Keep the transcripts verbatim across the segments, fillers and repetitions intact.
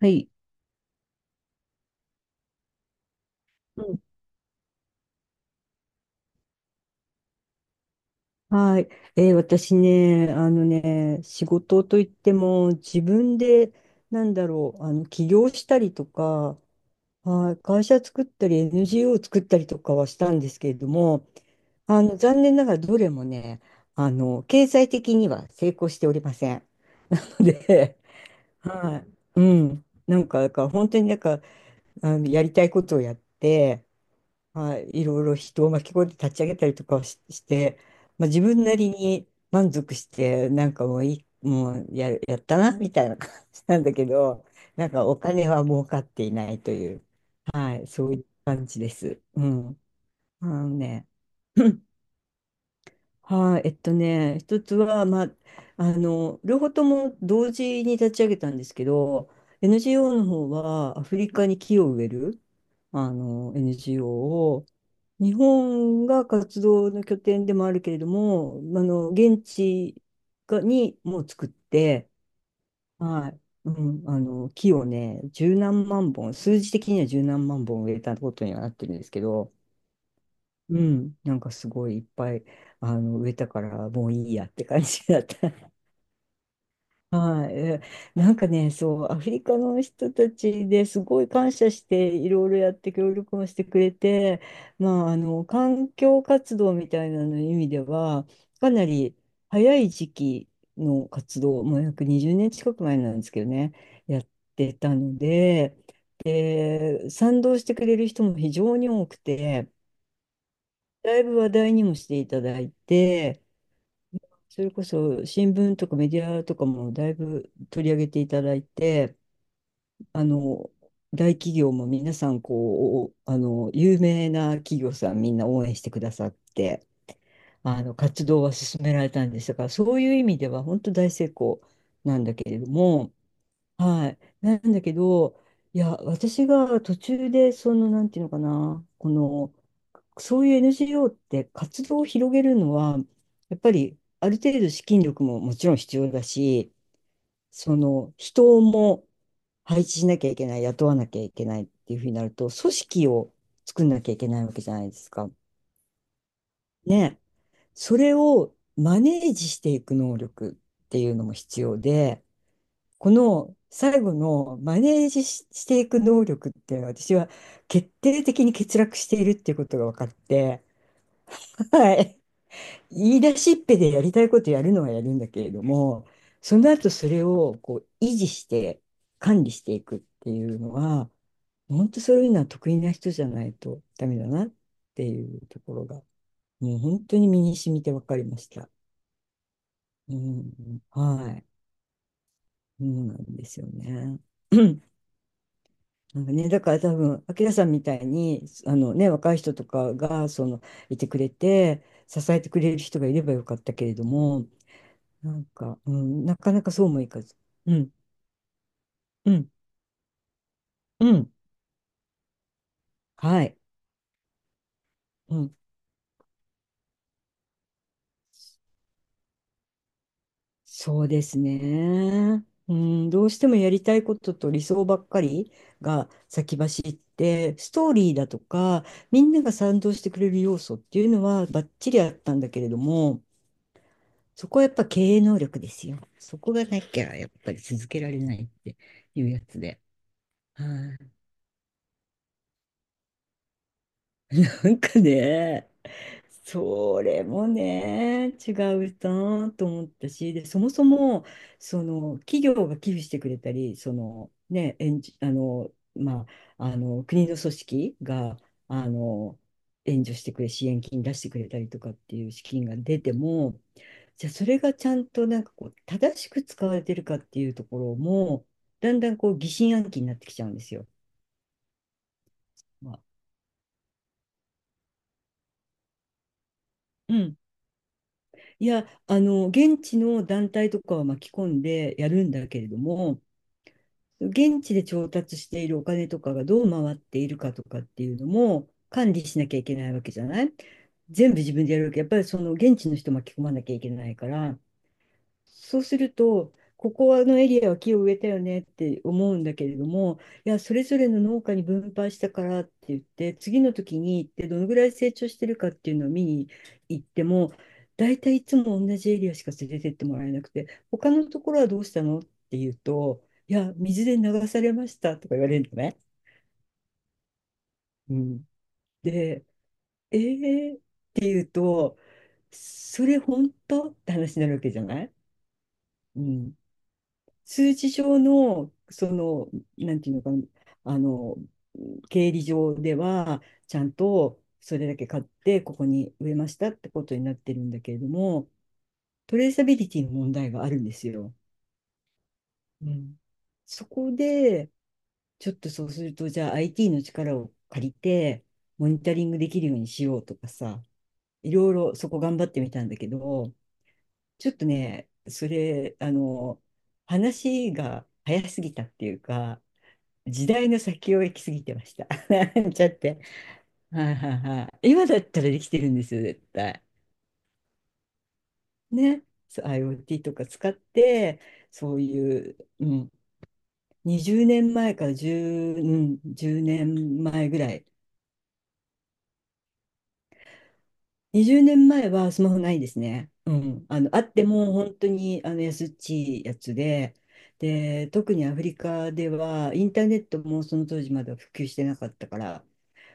はい。うん、はい。えー私ね、あのね、仕事といっても、自分で、なんだろう、あの、起業したりとか、はい、会社作ったり、エヌジーオー 作ったりとかはしたんですけれども、あの、残念ながらどれもね、あの、経済的には成功しておりません。で、はい。うん。なんか、だから本当になんか、あの、やりたいことをやって、はい、いろいろ人を巻き込んで立ち上げたりとかをし、して、まあ、自分なりに満足して、なんかもういい、もうや、やったなみたいな感じなんだけど、なんかお金は儲かっていないという、はい、そういう感じです。うん、あのね はい、えっとね、一つは、まあ、あの、両方とも同時に立ち上げたんですけど、エヌジーオー の方はアフリカに木を植える、あの、エヌジーオー を、日本が活動の拠点でもあるけれども、あの、現地がにも作って、はい、うん、あの、木をね、十何万本、数字的には十何万本植えたことにはなってるんですけど、うん、なんかすごいいっぱい、あの、植えたから、もういいやって感じだった。はい、えなんかね、そう、アフリカの人たちですごい感謝して、いろいろやって協力もしてくれて、まあ、あの、環境活動みたいなの意味では、かなり早い時期の活動、もう約にじゅうねん近く前なんですけどね、やってたので、で、賛同してくれる人も非常に多くて、だいぶ話題にもしていただいて、それこそ新聞とかメディアとかもだいぶ取り上げていただいて、あの、大企業も皆さん、こう、あの、有名な企業さんみんな応援してくださって、あの、活動は進められたんですが、そういう意味では本当大成功なんだけれども、はい。なんだけど、いや、私が途中で、その、なんていうのかな、この、そういう エヌジーオー って活動を広げるのは、やっぱりある程度資金力ももちろん必要だし、その人も配置しなきゃいけない、雇わなきゃいけないっていうふうになると、組織を作んなきゃいけないわけじゃないですか。ね。それをマネージしていく能力っていうのも必要で、この最後のマネージし、していく能力っていうのは、私は決定的に欠落しているっていうことが分かって、はい。言い出しっぺでやりたいことやるのはやるんだけれども、その後それをこう維持して管理していくっていうのは、本当そういうのは得意な人じゃないとダメだなっていうところが、もう本当に身に染みて分かりました。うん、はい。そうなんですよね。なんかね、だから多分、明きさんみたいに、あのね、若い人とかが、その、いてくれて、支えてくれる人がいればよかったけれども、なんか、うん、なかなかそうもいかず。うん、うん、うん、はい、うん、そうですね。うん、どうしてもやりたいことと理想ばっかりが先走って、ストーリーだとか、みんなが賛同してくれる要素っていうのはバッチリあったんだけれども、そこはやっぱ経営能力ですよ。そこがなきゃやっぱり続けられないっていうやつで。はい。なんかね、それもね、違うなと思ったし、で、そもそも、その、企業が寄付してくれたり、その、ね、援助、あの、まあ、あの、国の組織が、あの、援助してくれ、支援金出してくれたりとかっていう資金が出ても、じゃあそれがちゃんとなんかこう、正しく使われてるかっていうところも、だんだんこう疑心暗鬼になってきちゃうんですよ。まあ、うん、いや、あの、現地の団体とかは巻き込んでやるんだけれども、現地で調達しているお金とかがどう回っているかとかっていうのも管理しなきゃいけないわけじゃない、全部自分でやるわけ。やっぱりその現地の人巻き込まなきゃいけないから、そうすると、ここのエリアは木を植えたよねって思うんだけれども、いや、それぞれの農家に分配したからって言って、次の時に行ってどのぐらい成長してるかっていうのを見に行っても、大体いつも同じエリアしか連れてってもらえなくて、他のところはどうしたのって言うと、いや、水で流されましたとか言われるのね。うん、で、えーって言うと、それ本当って話になるわけじゃない、うん、数字上の、その、なんていうのかな、あの、経理上では、ちゃんとそれだけ買って、ここに植えましたってことになってるんだけれども、トレーサビリティの問題があるんですよ。うん。そこで、ちょっとそうすると、じゃあ アイティー の力を借りて、モニタリングできるようにしようとかさ、いろいろそこ頑張ってみたんだけど、ちょっとね、それ、あの、話が早すぎたっていうか、時代の先を行き過ぎてました。なんちゃって。はいはいはい。今だったらできてるんですよ、絶対。ね。そう、 アイオーティー とか使って、そういう、うん、にじゅうねんまえからじゅう、うん、いちねんまえぐらい。にじゅうねんまえはスマホないですね。うん。あの、あっても本当にあの安っちいやつで、で、特にアフリカではインターネットもその当時まだ普及してなかったから、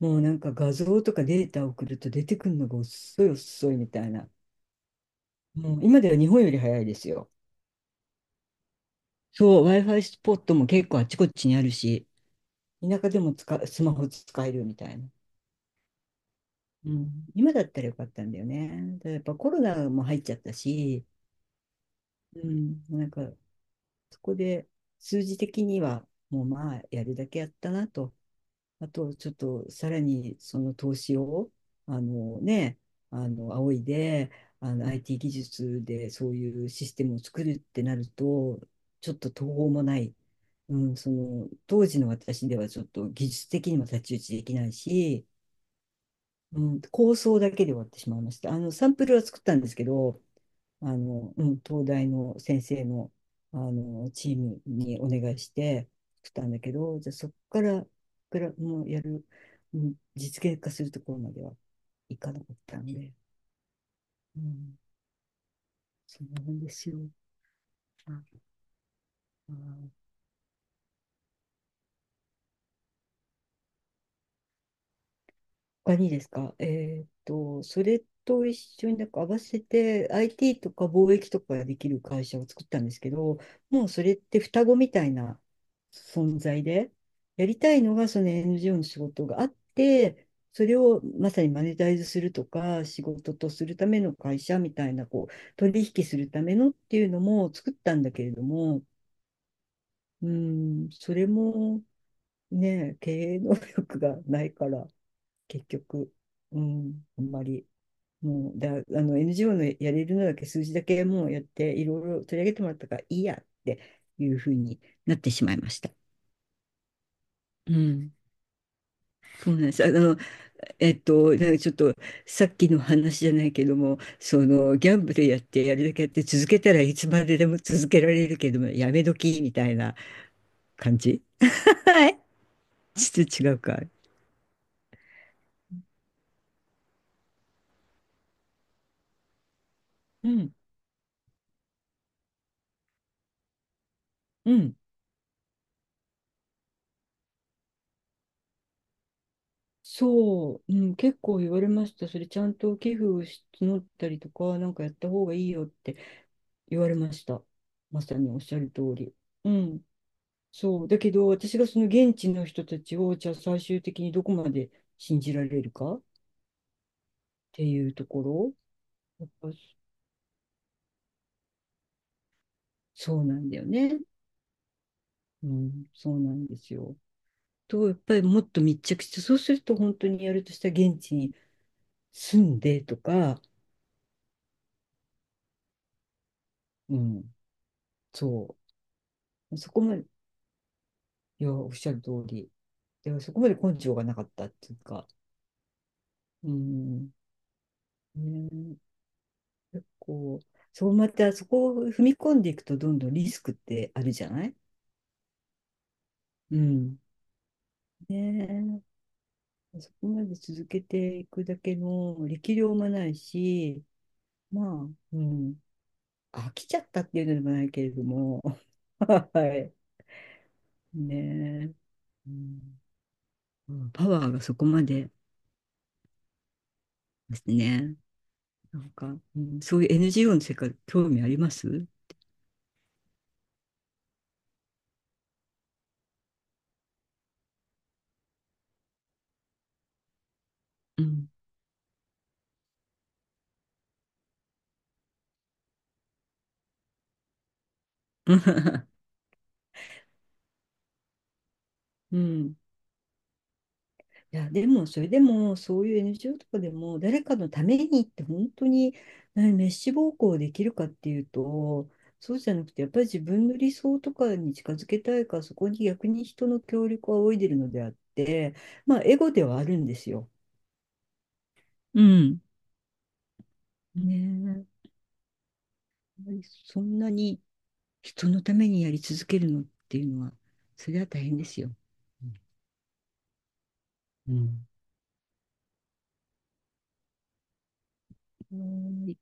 もうなんか画像とかデータを送ると出てくるのが遅い遅いみたいな。もう今では日本より早いですよ。そう、ワイファイ スポットも結構あちこちにあるし、田舎でも使、スマホ使えるみたいな。うん、今だったらよかったんだよね。ただやっぱコロナも入っちゃったし、うん、なんかそこで数字的にはもうまあやるだけやったなと、あと、ちょっと、さらに、その投資を、あのね、あの、仰いで、あの、アイティー 技術でそういうシステムを作るってなると、ちょっと途方もない。うん、その、当時の私ではちょっと技術的にも太刀打ちできないし、うん、構想だけで終わってしまいました。あの、サンプルは作ったんですけど、あの、うん、東大の先生の、あの、チームにお願いして作ったんだけど、じゃあそこから、グらもうやる、うん、実現化するところまではいかなかったんで、うん、そんなもんですよ。ああー、他にですか。えーっと、それと一緒になんか合わせて アイティー とか貿易とかができる会社を作ったんですけど、もうそれって双子みたいな存在で、やりたいのがその エヌジーオー の仕事があって、それをまさにマネタイズするとか、仕事とするための会社みたいな、こう、取引するためのっていうのも作ったんだけれども、うん、それもね、経営能力がないから、結局、うん、あんまり、もう、だ、あの、エヌジーオー のやれるのだけ、数字だけもうやって、いろいろ取り上げてもらったからいいやっていうふうになってしまいました。うん、そうなんです。あの、えっと、なんかちょっとさっきの話じゃないけども、そのギャンブルやってやるだけやって続けたらいつまででも続けられるけども、やめ時みたいな感じ。はい。ちょっと違うか。うん、うん。そう、うん、結構言われました。それちゃんと寄付をし募ったりとか、なんかやった方がいいよって言われました。まさにおっしゃる通り。うん、そう。だけど、私がその現地の人たちを、じゃあ最終的にどこまで信じられるかっていうところ、やっぱそうなんだよね。うん、そうなんですよ。と、やっぱりもっと密着して、そうすると本当にやるとしたら現地に住んでとか、うん、そう。そこまで、いや、おっしゃる通り。でもそこまで根性がなかったっていうか、うん、ね、結構、そうまたそこを踏み込んでいくとどんどんリスクってあるじゃない、うん。ねえ、そこまで続けていくだけの力量もないし、まあ、うん、飽きちゃったっていうのでもないけれども、はい。ねえ、うん、うん、パワーがそこまでですね。なんか、うん、そういう エヌジーオー の世界、興味あります、うん。うん。いや、でも、それでも、そういう エヌジーオー とかでも、誰かのためにって本当に、ね、滅私暴行できるかっていうと、そうじゃなくて、やっぱり自分の理想とかに近づけたいから、そこに逆に人の協力を仰いでるのであって、まあ、エゴではあるんですよ。うん。ねえ、やっぱりそんなに人のためにやり続けるのっていうのは、それは大変ですよ。うん。うん。